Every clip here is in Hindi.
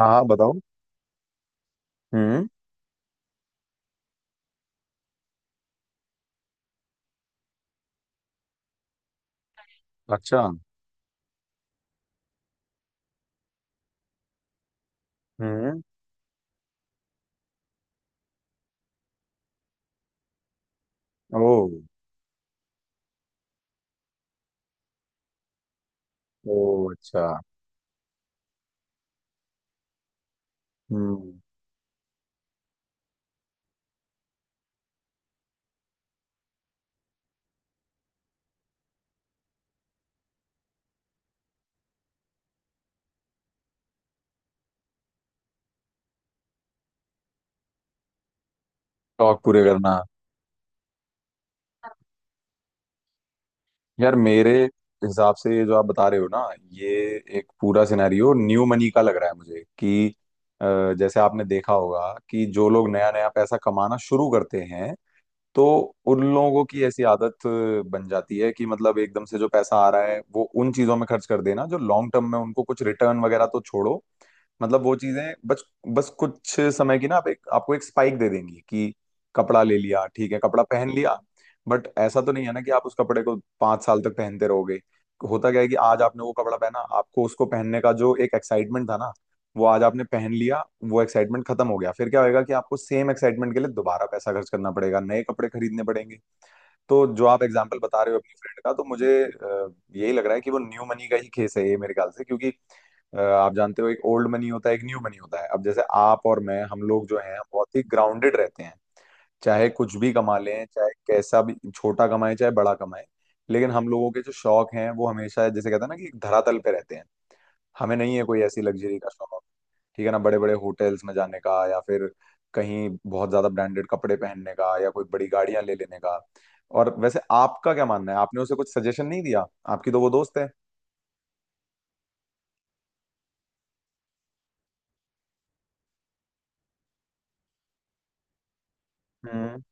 हाँ हाँ बताओ। हम्म। अच्छा। हम्म। ओ। ओ अच्छा। हम्म। शौक पूरे करना। यार मेरे हिसाब से ये जो आप बता रहे हो ना, ये एक पूरा सिनेरियो न्यू मनी का लग रहा है मुझे कि अ, जैसे आपने देखा होगा कि जो लोग नया नया पैसा कमाना शुरू करते हैं तो उन लोगों की ऐसी आदत बन जाती है कि मतलब एकदम से जो पैसा आ रहा है वो उन चीजों में खर्च कर देना जो लॉन्ग टर्म में उनको कुछ रिटर्न वगैरह तो छोड़ो, मतलब वो चीजें बस बस कुछ समय की ना, आप एक आपको एक स्पाइक दे देंगी कि कपड़ा ले लिया, ठीक है कपड़ा पहन लिया। बट ऐसा तो नहीं है ना कि आप उस कपड़े को 5 साल तक पहनते रहोगे। होता क्या है कि आज आपने वो कपड़ा पहना, आपको उसको पहनने का जो एक एक्साइटमेंट था ना, वो आज आपने पहन लिया, वो एक्साइटमेंट खत्म हो गया। फिर क्या होएगा कि आपको सेम एक्साइटमेंट के लिए दोबारा पैसा खर्च करना पड़ेगा, नए कपड़े खरीदने पड़ेंगे। तो जो आप एग्जाम्पल बता रहे हो अपनी फ्रेंड का, तो मुझे यही लग रहा है कि वो न्यू मनी का ही केस है ये मेरे ख्याल से, क्योंकि आप जानते हो एक ओल्ड मनी होता है एक न्यू मनी होता है। अब जैसे आप और मैं, हम लोग जो हैं, हम बहुत ही ग्राउंडेड रहते हैं, चाहे कुछ भी कमा लें, चाहे कैसा भी छोटा कमाएं चाहे बड़ा कमाएं। लेकिन हम लोगों के जो शौक हैं वो हमेशा, जैसे कहते हैं ना, कि एक धरातल पे रहते हैं। हमें नहीं है कोई ऐसी लग्जरी का शौक। ठीक है ना, बड़े बड़े होटल्स में जाने का, या फिर कहीं बहुत ज्यादा ब्रांडेड कपड़े पहनने का, या कोई बड़ी गाड़ियां ले लेने का। और वैसे आपका क्या मानना है, आपने उसे कुछ सजेशन नहीं दिया? आपकी तो वो दोस्त है। हम्म,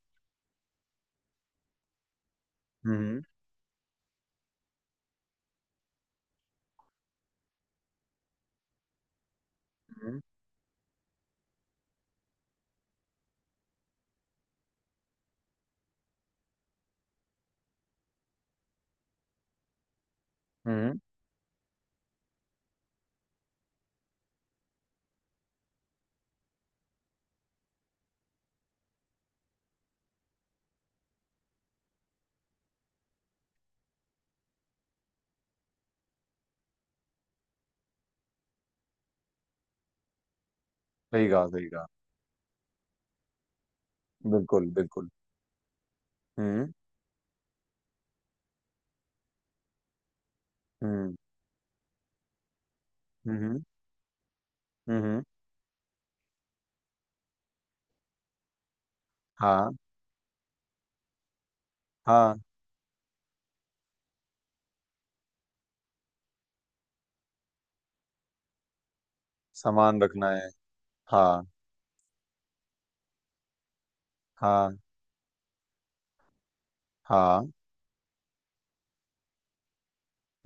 हम्म, हम्म, हम्म। सही कहा, सही कहा। बिल्कुल, बिल्कुल। हम्म, हम्म, हम्म, हम्म। हाँ। हाँ, सामान रखना है। हाँ। हाँ, हाँ।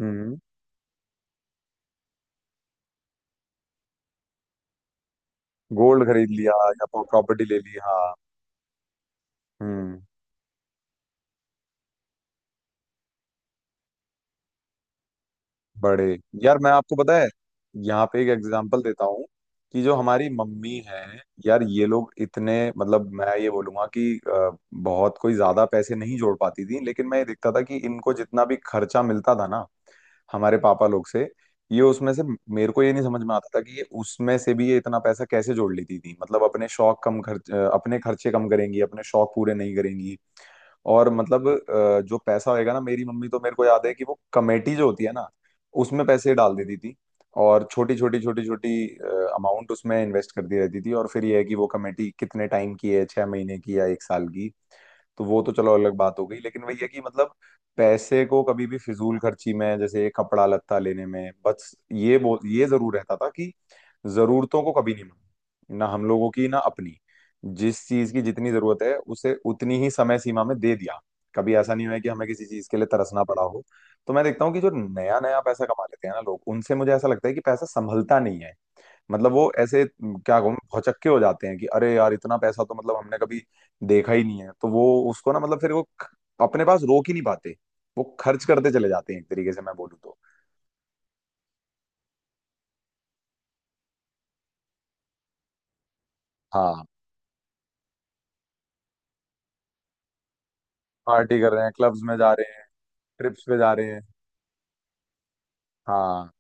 हम्म। गोल्ड खरीद लिया, या प्रॉपर्टी ले ली, हाँ। हम्म। बड़े। यार मैं, आपको पता है, यहाँ पे एक एग्जांपल देता हूँ, कि जो हमारी मम्मी है, यार ये लोग इतने, मतलब मैं ये बोलूंगा कि बहुत कोई ज्यादा पैसे नहीं जोड़ पाती थी, लेकिन मैं ये देखता था कि इनको जितना भी खर्चा मिलता था ना, हमारे पापा लोग से, ये उसमें से मेरे को ये नहीं समझ में आता था कि ये उसमें से भी ये इतना पैसा कैसे जोड़ लेती थी। मतलब अपने शौक कम खर्च अपने खर्चे कम करेंगी, अपने शौक पूरे नहीं करेंगी, और मतलब जो पैसा होएगा ना, मेरी मम्मी, तो मेरे को याद है कि वो कमेटी जो होती है ना, उसमें पैसे डाल देती थी, और छोटी छोटी अमाउंट उसमें इन्वेस्ट करती रहती थी, और फिर ये है कि वो कमेटी कितने टाइम की है, 6 महीने की या 1 साल की। तो वो तो चलो अलग बात हो गई, लेकिन वही है कि मतलब पैसे को कभी भी फिजूल खर्ची में जैसे कपड़ा लत्ता लेने में, बस ये बो ये जरूर रहता था कि जरूरतों को कभी नहीं माना ना, हम लोगों की ना अपनी। जिस चीज की जितनी जरूरत है उसे उतनी ही समय सीमा में दे दिया। कभी ऐसा नहीं हुआ है कि हमें किसी चीज के लिए तरसना पड़ा हो। तो मैं देखता हूँ कि जो नया नया पैसा कमा लेते हैं ना लोग, उनसे मुझे ऐसा लगता है कि पैसा संभलता नहीं है। मतलब वो ऐसे क्या कहूँ, भौचक्के हो जाते हैं कि अरे यार इतना पैसा तो मतलब हमने कभी देखा ही नहीं है, तो वो उसको ना, मतलब फिर वो अपने पास रोक ही नहीं पाते, वो खर्च करते चले जाते हैं, एक तरीके से मैं बोलूँ तो। हाँ, पार्टी कर रहे हैं क्लब्स में जा रहे हैं, ट्रिप्स पे जा रहे हैं। हाँ,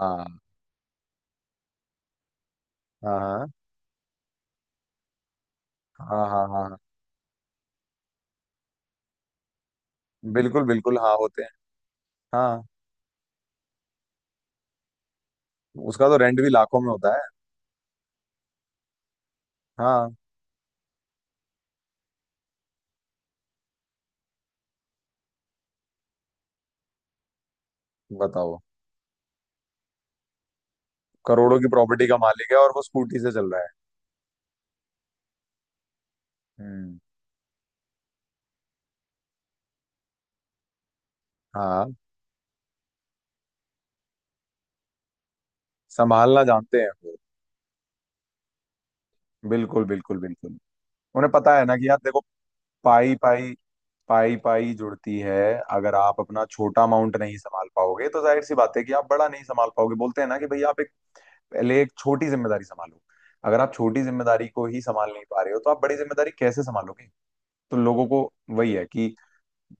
हाँ, हाँ, हाँ, हाँ, हाँ, हाँ, हाँ। बिल्कुल बिल्कुल, हाँ होते हैं। हाँ, उसका तो रेंट भी लाखों में होता है। हाँ बताओ। करोड़ों की प्रॉपर्टी का मालिक है और वो स्कूटी से चल रहा है। हम्म। हाँ, संभालना जानते हैं वो, बिल्कुल, बिल्कुल, बिल्कुल। उन्हें पता है ना कि यार देखो, पाई पाई, पाई पाई जुड़ती है। अगर आप अपना छोटा अमाउंट नहीं संभाल पाओगे तो जाहिर सी बात है कि आप बड़ा नहीं संभाल पाओगे। बोलते हैं ना कि भाई आप एक पहले एक छोटी जिम्मेदारी संभालो। अगर आप छोटी जिम्मेदारी को ही संभाल नहीं पा रहे हो, तो आप बड़ी जिम्मेदारी कैसे संभालोगे? तो लोगों को, वही है कि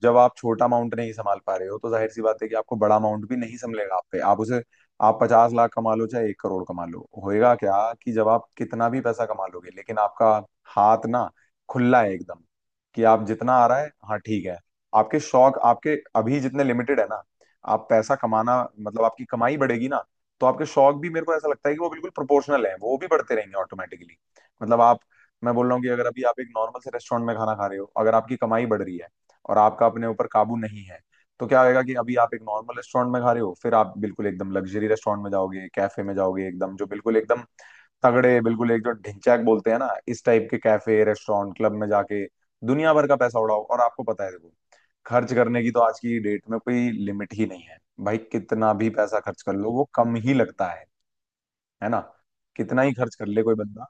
जब आप छोटा अमाउंट नहीं संभाल पा रहे हो तो जाहिर सी बात है कि आपको बड़ा अमाउंट भी नहीं संभलेगा। आप पे आप उसे, आप 50 लाख कमा लो चाहे 1 करोड़ कमा लो, होएगा क्या कि जब आप कितना भी पैसा कमा लोगे, लेकिन आपका हाथ ना खुला है एकदम, कि आप जितना आ रहा है, हाँ ठीक है, आपके शौक आपके अभी जितने लिमिटेड है ना, आप पैसा कमाना मतलब आपकी कमाई बढ़ेगी ना, तो आपके शौक भी मेरे को ऐसा लगता है कि वो बिल्कुल प्रोपोर्शनल है, वो भी बढ़ते रहेंगे ऑटोमेटिकली। मतलब आप, मैं बोल रहा हूँ कि अगर अभी आप एक नॉर्मल से रेस्टोरेंट में खाना खा रहे हो, अगर आपकी कमाई बढ़ रही है और आपका अपने ऊपर काबू नहीं है, तो क्या होगा कि अभी आप एक नॉर्मल रेस्टोरेंट में खा रहे हो, फिर आप बिल्कुल एकदम लग्जरी रेस्टोरेंट में जाओगे, कैफे में जाओगे, एकदम जो बिल्कुल एकदम तगड़े, बिल्कुल एक जो ढिंचैक बोलते हैं ना, इस टाइप के कैफे रेस्टोरेंट क्लब में जाके दुनिया भर का पैसा उड़ाओ। और आपको पता है देखो, खर्च करने की तो आज की डेट में कोई लिमिट ही नहीं है। भाई कितना भी पैसा खर्च कर लो वो कम ही लगता है। है ना, कितना ही खर्च कर ले कोई बंदा।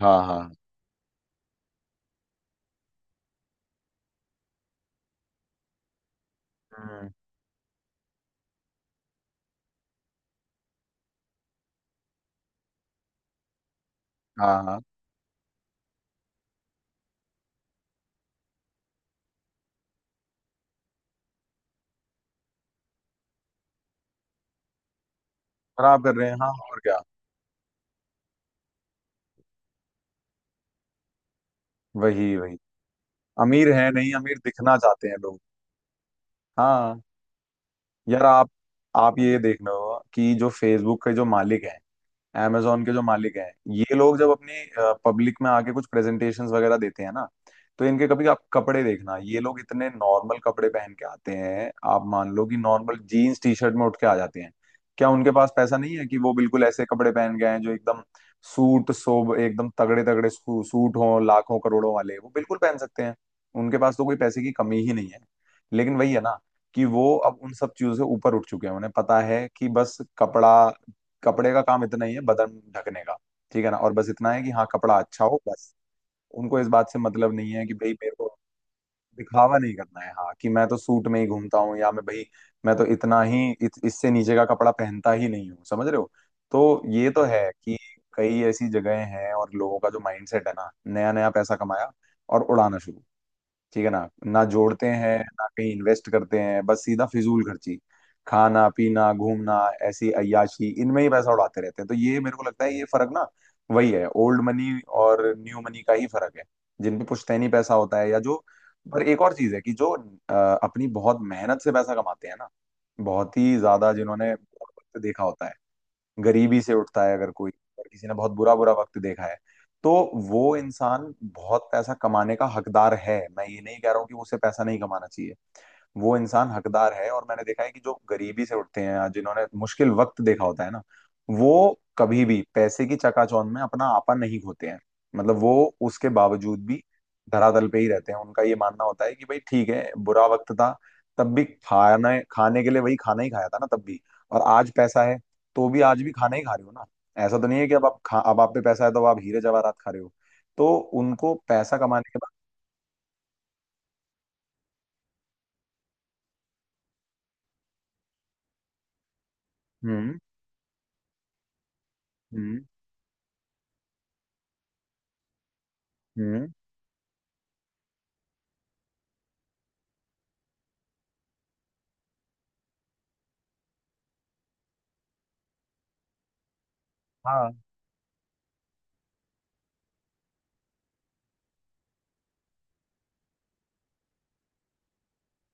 हाँ, हाँ। हम्म। हाँ, हाँ। खराब कर रहे हैं, हाँ और क्या। वही, वही, अमीर है नहीं, अमीर दिखना चाहते हैं लोग। हाँ। यार आप ये देख लो, कि जो फेसबुक के जो मालिक हैं, amazon के जो मालिक हैं, ये लोग जब अपनी पब्लिक में आके कुछ प्रेजेंटेशंस वगैरह देते हैं ना, तो इनके कभी आप कपड़े देखना, ये लोग इतने नॉर्मल कपड़े पहन के आते हैं, आप मान लो कि नॉर्मल जीन्स टी शर्ट में उठ के आ जाते हैं। क्या उनके पास पैसा नहीं है कि वो बिल्कुल ऐसे कपड़े पहन गए हैं? जो एकदम सूट सोब एकदम तगड़े तगड़े सूट हों, लाखों करोड़ों वाले, वो बिल्कुल पहन सकते हैं। उनके पास तो कोई पैसे की कमी ही नहीं है। लेकिन वही है ना कि वो अब उन सब चीजों से ऊपर उठ चुके हैं, उन्हें पता है कि बस कपड़ा, कपड़े का काम इतना ही है, बदन ढकने का। ठीक है ना, और बस इतना है कि हाँ, कपड़ा अच्छा हो, बस। उनको इस बात से मतलब नहीं है कि भाई मेरे को दिखावा नहीं करना है, हाँ कि मैं तो सूट में ही घूमता हूँ, या मैं भाई मैं तो इतना ही इससे नीचे का कपड़ा पहनता ही नहीं हूँ, समझ रहे हो? तो ये तो है कि कई ऐसी जगहें हैं और लोगों का जो माइंडसेट है ना, नया नया पैसा कमाया और उड़ाना शुरू। ठीक है ना, ना जोड़ते हैं ना कहीं इन्वेस्ट करते हैं, बस सीधा फिजूल खर्ची, खाना पीना घूमना, ऐसी अय्याशी इनमें ही पैसा उड़ाते रहते हैं। तो ये मेरे को लगता है ये फर्क ना, वही है, ओल्ड मनी और न्यू मनी का ही फर्क है। जिन पे पुश्तैनी पैसा होता है, या जो, पर एक और चीज है कि जो अ, अपनी बहुत मेहनत से पैसा कमाते हैं ना, बहुत ही ज्यादा जिन्होंने बहुत वक्त देखा होता है, गरीबी से उठता है अगर कोई, अगर किसी ने बहुत बुरा बुरा वक्त देखा है, तो वो इंसान बहुत पैसा कमाने का हकदार है, मैं ये नहीं कह रहा हूँ कि उसे पैसा नहीं कमाना चाहिए। वो इंसान हकदार है, और मैंने देखा है कि जो गरीबी से उठते हैं या जिन्होंने मुश्किल वक्त देखा होता है ना, वो कभी भी पैसे की चकाचौंध में अपना आपा नहीं खोते हैं। मतलब वो, उसके बावजूद भी, धरातल पे ही रहते हैं। उनका ये मानना होता है कि भाई ठीक है, बुरा वक्त था तब भी खाना खाने के लिए वही खाना ही खाया था ना, तब भी, और आज पैसा है तो भी आज भी खाना ही खा रहे हो ना। ऐसा तो नहीं है कि अब आप खा, अब आप पे पैसा है तो आप हीरे जवाहरात खा रहे हो। तो उनको पैसा कमाने के बाद, हम्म, हम्म, हम्म, हाँ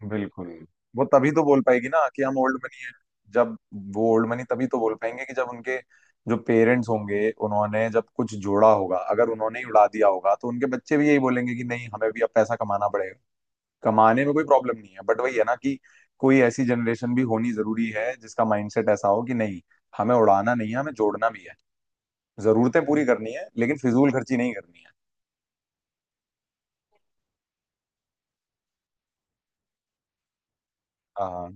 बिल्कुल। वो तभी तो बोल पाएगी ना कि हम ओल्ड मनी है, जब वो ओल्ड मनी तभी तो बोल पाएंगे कि जब उनके जो पेरेंट्स होंगे उन्होंने जब कुछ जोड़ा होगा, अगर उन्होंने ही उड़ा दिया होगा तो उनके बच्चे भी यही बोलेंगे कि नहीं, हमें भी अब पैसा कमाना पड़ेगा। कमाने में कोई प्रॉब्लम नहीं है, बट वही है ना कि कोई ऐसी जनरेशन भी होनी जरूरी है जिसका माइंडसेट ऐसा हो कि नहीं, हमें उड़ाना नहीं है, हमें जोड़ना भी है। जरूरतें पूरी करनी है लेकिन फिजूल खर्ची नहीं करनी है। हाँ।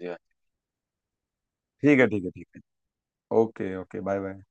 जी, ठीक है, ठीक है, ठीक है। Okay, okay, bye bye.